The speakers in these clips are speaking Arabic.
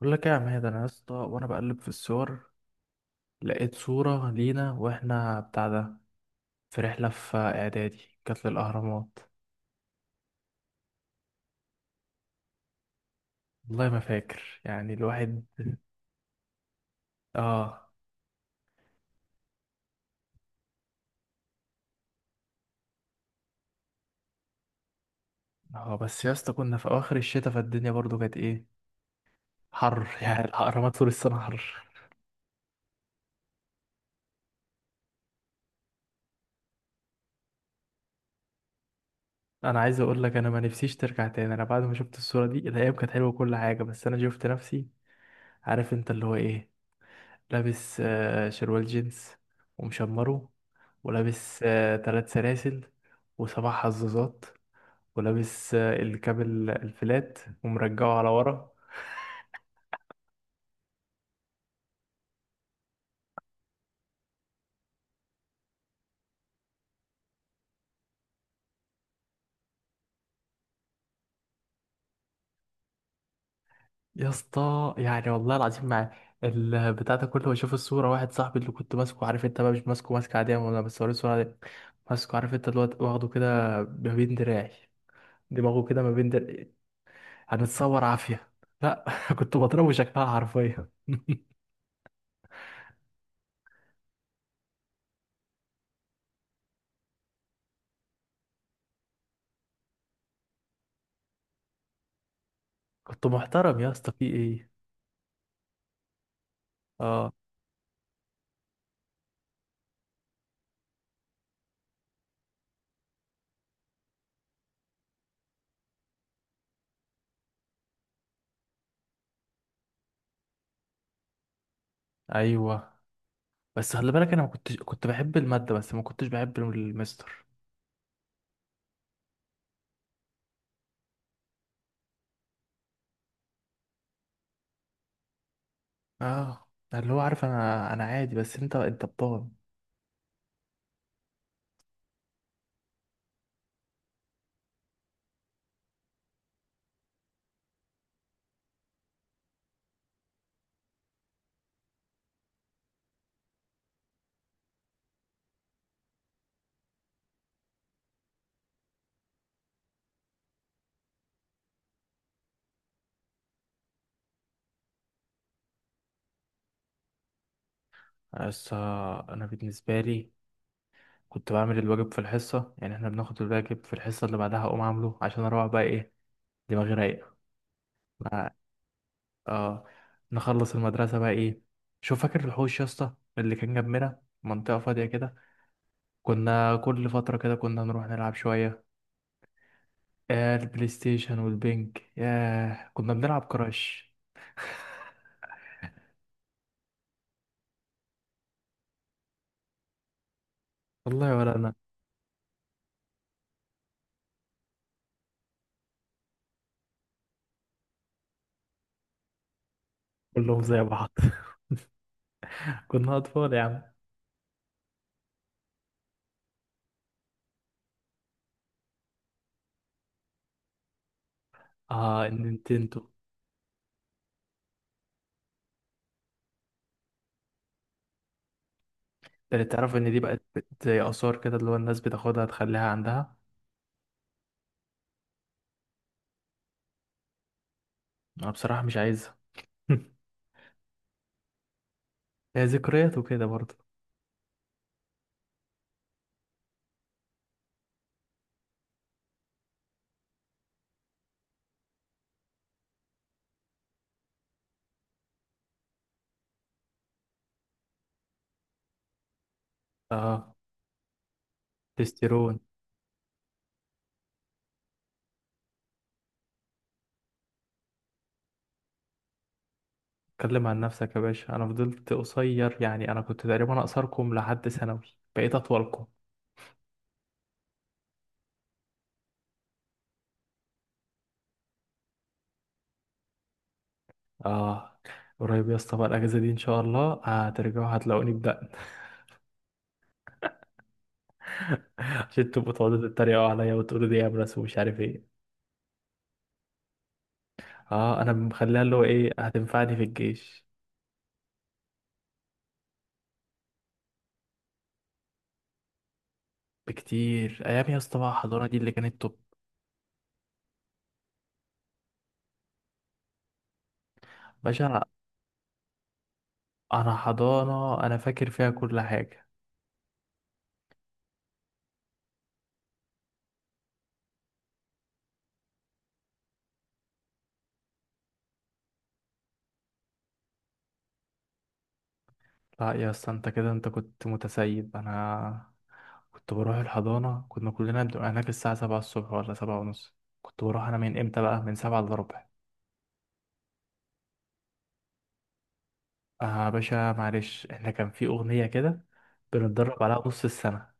بقول لك ايه يا عماد؟ انا يا اسطى وانا بقلب في الصور لقيت صورة لينا واحنا بتاع ده في رحلة في اعدادي كانت للاهرامات. والله ما فاكر الواحد. اه اه، بس يا اسطى كنا في اواخر الشتاء فالدنيا برضو كانت ايه، حر يعني الاهرامات طول السنة حر. انا عايز اقول لك انا ما نفسيش ترجع تاني. انا بعد ما شفت الصورة دي الايام كانت حلوة وكل حاجة، بس انا شفت نفسي. عارف انت اللي هو ايه، لابس شروال جينز ومشمره، ولابس ثلاث سلاسل وسبع حظاظات، ولابس الكابل الفلات ومرجعه على ورا. يا اسطى، والله العظيم، مع البتاع ده كله بشوف الصورة واحد صاحبي اللي كنت ماسكه، عارف انت بقى، مش ماسكه ماسكة عادية ولا، بس وريني الصورة دي، ماسكه عارف انت الواد واخده كده ما بين دراعي، دماغه كده ما بين دراعي. هنتصور عافية؟ لا كنت بضربه شكلها حرفيا. كنت محترم يا اسطى في ايه؟ اه، ايوه، بس خلي بالك انا ما كنتش، كنت بحب الماده بس ما كنتش بحب المستر. اه، اللي هو، عارف، انا انا عادي، بس انت بطال. بس انا بالنسبه لي كنت بعمل الواجب في الحصه. احنا بناخد الواجب في الحصه اللي بعدها اقوم عامله عشان اروح بقى ايه، دماغي رايقه. مع- اه، نخلص المدرسه بقى ايه. شوف فاكر الحوش يا اسطى اللي كان جنبنا، منطقه فاضيه كده، كنا كل فتره كده كنا نروح نلعب شويه آه البلاي ستيشن والبنك. ياه كنا بنلعب كراش. والله ولا انا. كلهم زي بعض كنا اطفال يا عم. اه النينتندو انت، اللي تعرف ان دي بقت زي اثار كده، اللي هو الناس بتاخدها تخليها عندها. انا بصراحه مش عايزها هي ذكريات وكده برضه. اه، تستيرون. اتكلم عن نفسك يا باشا، انا فضلت قصير. يعني انا كنت تقريبا اقصركم لحد ثانوي، بقيت اطولكم. اه، قريب يا اسطى بقى الاجازه دي ان شاء الله هترجعوا هتلاقوني بدقن عشان تبقوا تقعدوا تتريقوا عليا وتقولوا دي يا ناس ومش عارف ايه. اه انا مخليها اللي هو ايه، هتنفعني في الجيش. بكتير ايام يا اسطى بقى الحضانه دي اللي كانت توب. باشا، انا حضانه انا فاكر فيها كل حاجه. لا يا اسطى، انت كده، انت كنت متسيب. انا كنت بروح الحضانه، كنا كلنا بنبقى هناك الساعه 7 الصبح ولا 7 ونص. كنت بروح انا من امتى بقى، من 7 الا ربع. اه، باشا معلش احنا كان في اغنيه كده بنتدرب عليها نص السنه،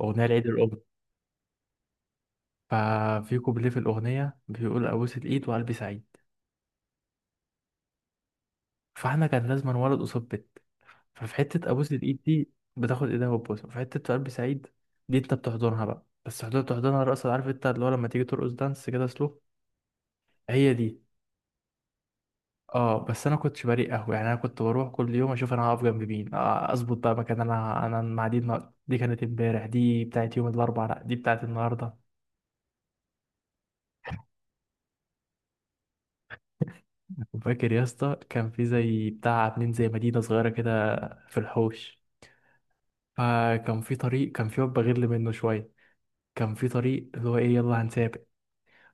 اغنيه لعيد الام. ففي كوبليه في الاغنيه بيقول ابوس الايد وقلبي سعيد، فاحنا كان لازم ولد قصاد بنت، ففي حتة أبوس الإيد دي بتاخد إيدها وتبوسها. في حتة قلب سعيد دي أنت بتحضنها بقى، بس حضرتك بتحضنها رقص، عارف أنت اللي هو لما تيجي ترقص دانس كده، سلو، هي دي. اه بس انا كنتش بريء قهوه. يعني انا كنت بروح كل يوم اشوف انا هقف جنب مين، اظبط بقى مكان. انا المعاديد ما... دي كانت امبارح، دي بتاعت يوم الاربعاء، لا دي بتاعت النهارده. وفاكر يا اسطى كان في زي بتاع، عاملين زي مدينه صغيره كده في الحوش، فكان في طريق، كان في واد بغل منه شويه، كان في طريق اللي هو ايه يلا هنسافر.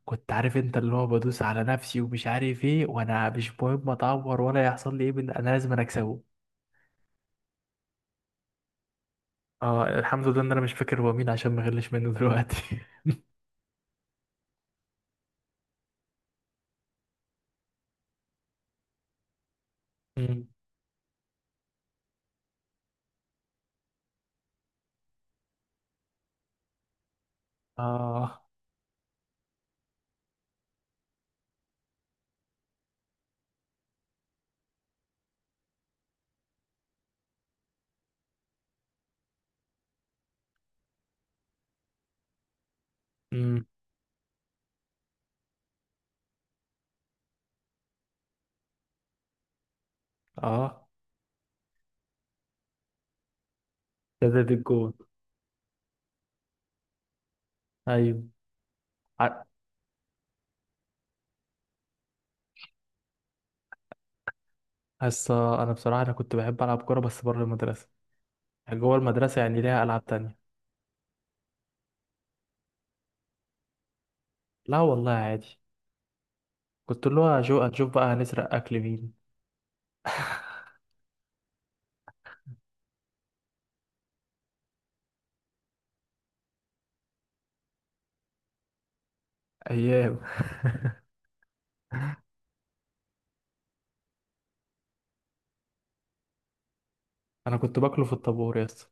كنت عارف انت اللي هو بدوس على نفسي ومش عارف ايه، وانا مش مهم اتعور ولا يحصل لي ايه، من انا لازم انا اكسبه. اه الحمد لله ان انا مش فاكر هو مين عشان ما غلش منه دلوقتي مم. اه. امم. اه، ده ده الجون. ايوه. ع- هسه انا بصراحه انا كنت بحب العب كوره بس بره المدرسه. يعني جوه المدرسه يعني ليها العاب تانية. لا والله، عادي. كنت اللي هو هنشوف بقى هنسرق اكل مين. ايام. انا كنت باكله في الطابور يا اسطى.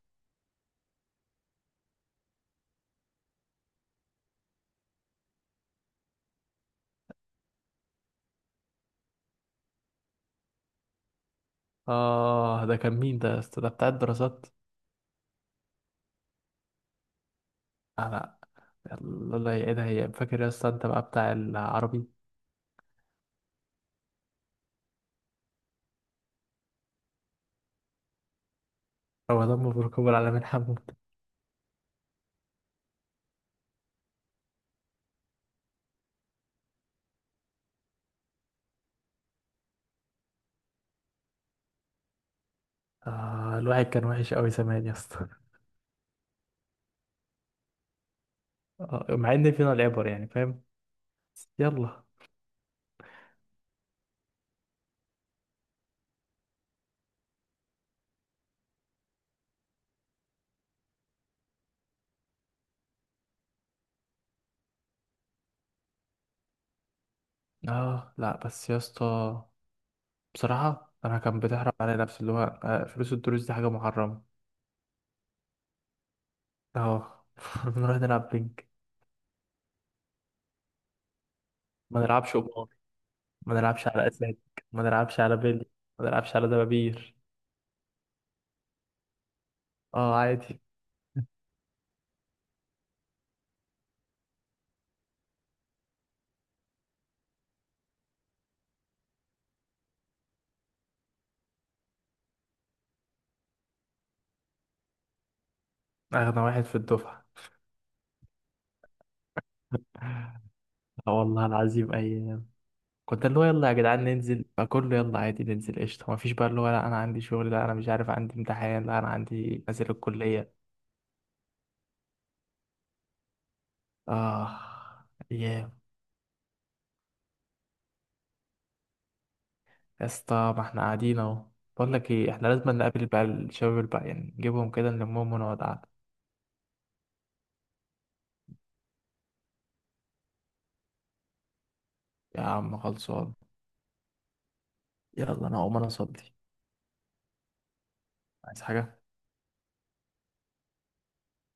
اه ده كان مين ده يا اسطى، ده بتاع الدراسات. انا، الله يعيدها هي. فاكر يا اسطى انت بقى بتاع العربي؟ رمضان مبروك ابو العلمين حمود. آه، الواحد كان وحش قوي زمان يا اسطى. آه مع ان فينا العبر، يعني فاهم. يلا. اه لا، بس يا اسطى بصراحه انا كان بتحرم على نفسي اللي هو فلوس الدروس دي حاجه محرمه. اه نروح نلعب بينج. ما نلعبش قمار، ما نلعبش على اسلاك، ما نلعبش على بيلي، ما نلعبش على دبابير. اه عادي. اغنى واحد في الدفعه. اه والله العظيم اي. كنت اللي هو يلا يا جدعان ننزل، فكله يلا عادي ننزل قشطة، مفيش بقى اللي هو لا أنا عندي شغل، لا أنا مش عارف عندي امتحان، لا أنا عندي نازل الكلية. آه. أيام. يا اسطى ما احنا قاعدين أهو. بقول لك إيه، احنا لازم نقابل بقى الشباب الباقي، يعني نجيبهم كده نلمهم ونقعد قعدة. يا عم خلصان. يلا، أنا هقوم أنا أصلي. عايز حاجة؟